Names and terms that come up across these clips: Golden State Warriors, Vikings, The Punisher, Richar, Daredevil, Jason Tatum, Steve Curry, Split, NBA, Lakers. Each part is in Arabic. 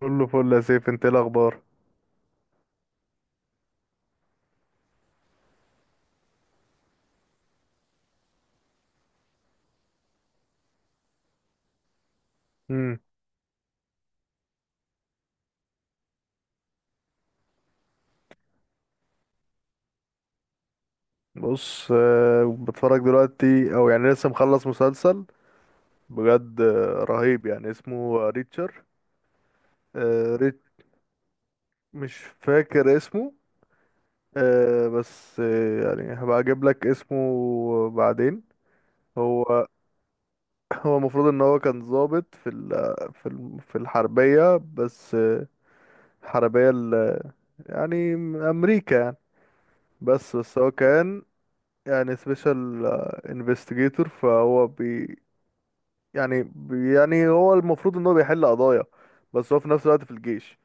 كله فل يا سيف، انت ايه الاخبار؟ امم بص، بتفرج دلوقتي او يعني لسه مخلص مسلسل بجد، رهيب يعني. اسمه ريتشر. آه، ريت مش فاكر اسمه. بس يعني هبقى اجيب لك اسمه بعدين. هو هو المفروض ان هو كان ضابط في ال في الحربية، بس آه، الحربية ال- يعني امريكا يعني. بس هو كان يعني سبيشال انفستيجيتور، فهو بي يعني يعني هو المفروض ان هو بيحل قضايا، بس هو في نفس الوقت في الجيش،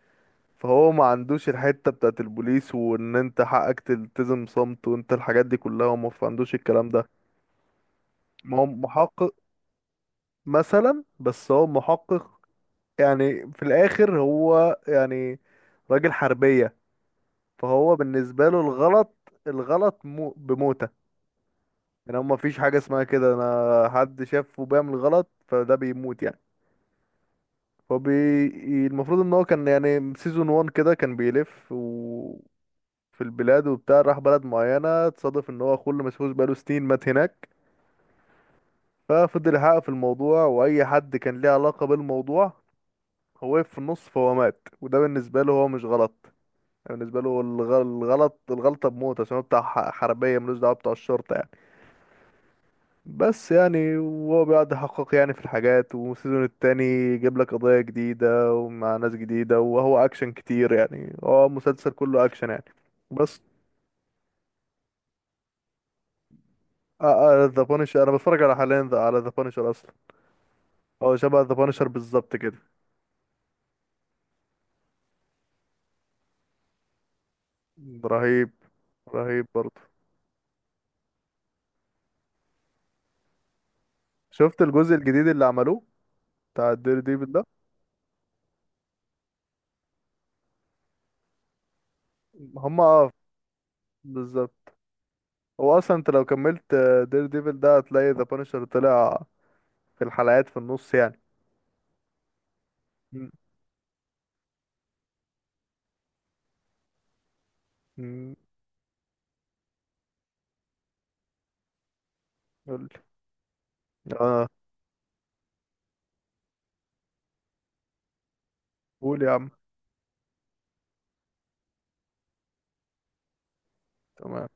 فهو ما عندوش الحتة بتاعت البوليس، وان انت حقك تلتزم صمت، وانت الحاجات دي كلها هو ما عندوش الكلام ده. ما هو محقق مثلا، بس هو محقق يعني في الاخر هو يعني راجل حربية. فهو بالنسبة له الغلط مو بموتة. يعني هو مفيش حاجة اسمها كده، انا حد شافه بيعمل غلط فده بيموت يعني. هو بي... المفروض ان هو كان يعني سيزون 1 كده كان بيلف في البلاد وبتاع، راح بلد معينة اتصادف ان هو اخوه اللي مسحوش بقاله سنين مات هناك. ففضل يحقق في الموضوع، واي حد كان ليه علاقة بالموضوع هو وقف في النص فهو مات، وده بالنسبة له هو مش غلط. يعني بالنسبة له الغلطة بموت، عشان هو بتاع حربية، ملوش دعوة بتاع الشرطة يعني. بس يعني وهو بيقعد يحقق يعني في الحاجات، والسيزون التاني يجيب لك قضايا جديدة ومع ناس جديدة، وهو أكشن كتير يعني، هو مسلسل كله أكشن يعني. بس ذا بانشر أنا بتفرج على حاليا، على ذا بانشر أصلا. هو شبه ذا بانشر بالظبط كده. رهيب، رهيب برضه. شفت الجزء الجديد اللي عملوه بتاع الدير ديفل ده؟ هما، اه، بالظبط. هو أصلا أنت لو كملت دير ديفل ده هتلاقي ذا بانشر طلع في الحلقات في النص يعني. م- م- قولي. اه، قول يا عم. تمام.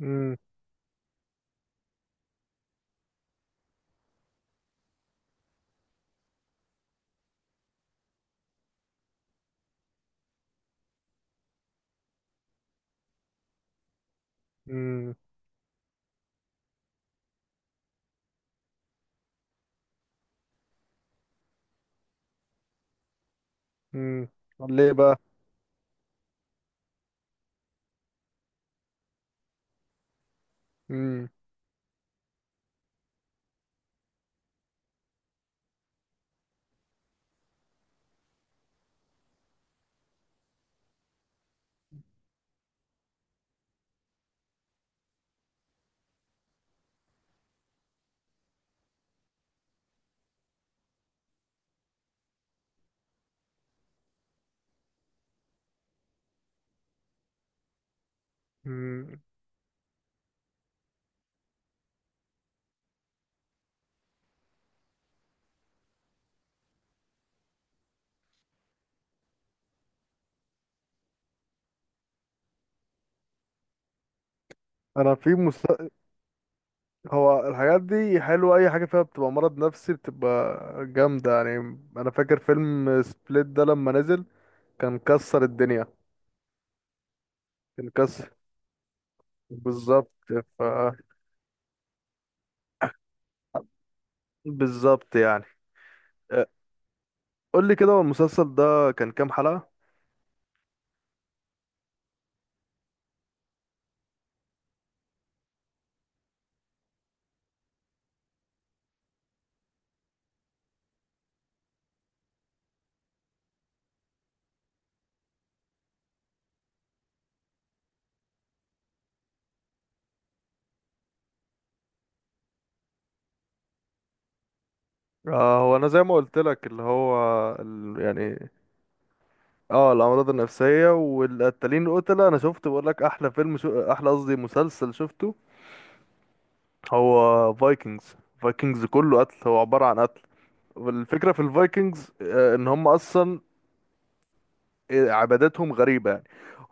امم امم امم ليه بقى؟ امم امم انا هو الحاجات دي حلوه، اي حاجه فيها بتبقى مرض نفسي بتبقى جامده يعني. انا فاكر فيلم سبليت ده لما نزل كان كسر الدنيا، كان كسر، بالظبط. ف بالظبط يعني. أه، قول لي كده، هو المسلسل ده كان كام حلقه؟ آه، هو انا زي ما قلت لك اللي هو ال... يعني اه، الامراض النفسيه والقتالين القتله انا شفت، بقول لك احلى فيلم، شو احلى قصدي مسلسل شفته، هو فايكنجز. فايكنجز كله قتل، هو عباره عن قتل. والفكره في الفايكنجز، ان هم اصلا عباداتهم غريبه يعني.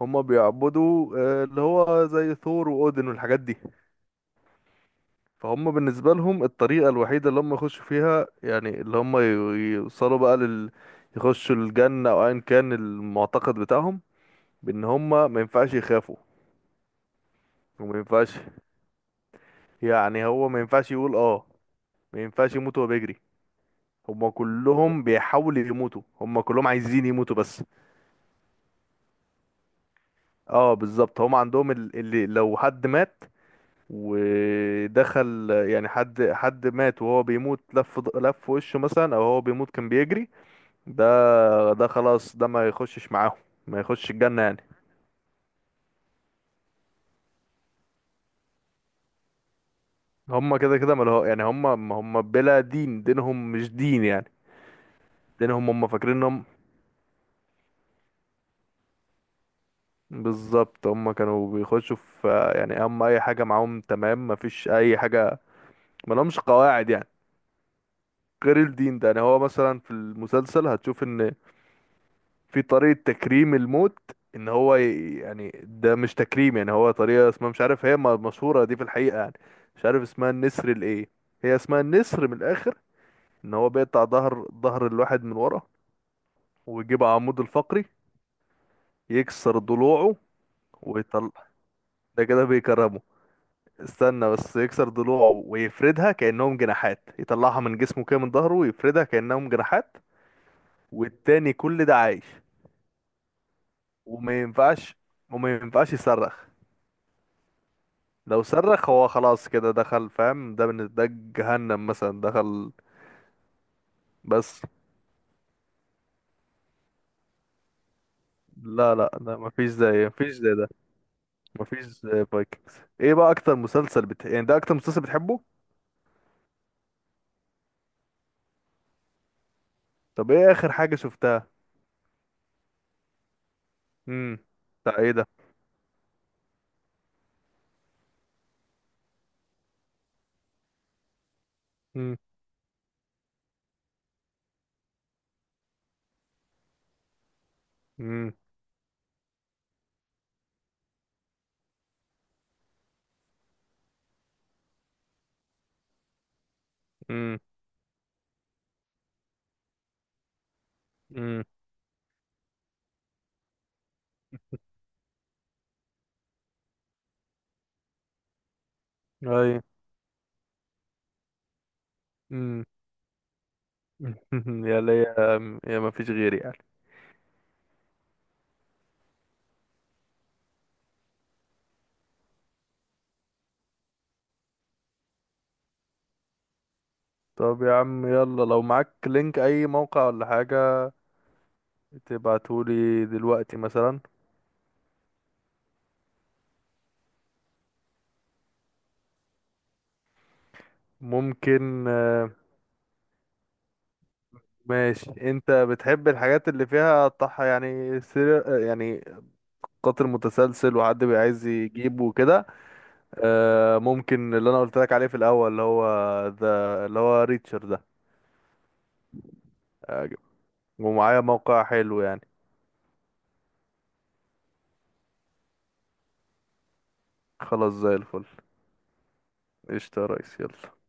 هم بيعبدوا اللي هو زي ثور واودن والحاجات دي. فهم بالنسبه لهم الطريقه الوحيده اللي هم يخشوا فيها يعني اللي هم ي- يوصلوا بقى لل يخشوا الجنه او ايا كان المعتقد بتاعهم، بان هم ما ينفعش يخافوا وما ينفعش، يعني هو ما ينفعش يقول اه، ما ينفعش يموت وهو بيجري. هما كلهم بيحاولوا يموتوا، هما كلهم عايزين يموتوا بس. اه بالظبط، هما عندهم اللي لو حد مات ودخل يعني، حد مات وهو بيموت لف لف وشه مثلا، او هو بيموت كان بيجري، ده ده خلاص ده ما يخشش معاهم، ما يخش الجنة يعني. هما كده كده ملهو يعني، هما بلا دين، دينهم مش دين يعني، دينهم هما فاكرين. بالظبط، هم كانوا بيخشوا في، يعني هم اي حاجه معاهم تمام، مفيش اي حاجه، ما لهمش قواعد يعني غير الدين ده. يعني هو مثلا في المسلسل هتشوف ان في طريقه تكريم الموت، ان هو يعني ده مش تكريم يعني، هو طريقه اسمها، مش عارف هي مشهوره دي في الحقيقه يعني، مش عارف اسمها النسر الايه، هي اسمها النسر من الاخر، ان هو بيقطع ظهر الواحد من ورا، ويجيب عمود الفقري، يكسر ضلوعه ويطلع. ده كده بيكرمه. استنى بس، يكسر ضلوعه ويفردها كأنهم جناحات، يطلعها من جسمه كده من ظهره ويفردها كأنهم جناحات، والتاني كل ده عايش. وما ينفعش، وما ينفعش يصرخ، لو صرخ هو خلاص كده دخل، فاهم، ده من ده جهنم مثلا دخل. بس لا لا لا، مفيش زي، مفيش زي ده، مفيش زي فايكنجز. ايه بقى اكتر مسلسل بت... يعني ده اكتر مسلسل بتحبه؟ طب ايه اخر حاجة شفتها؟ امم بتاع ايه ده؟ امم امم امم امم اي يا ليا، يا ما فيش غيري يعني. طب يا عم يلا، لو معاك لينك اي موقع ولا حاجة تبعتهولي دلوقتي مثلا. ممكن، آه، ماشي. انت بتحب الحاجات اللي فيها طح يعني، سير يعني قاتل متسلسل وحد بيبقى عايز يجيبه وكده؟ آه، ممكن اللي انا قلت لك عليه في الاول اللي هو ذا اللي هو ريتشر ده. آه، ومعايا موقع حلو يعني. خلاص زي الفل، قشطة يا ريس، يلا.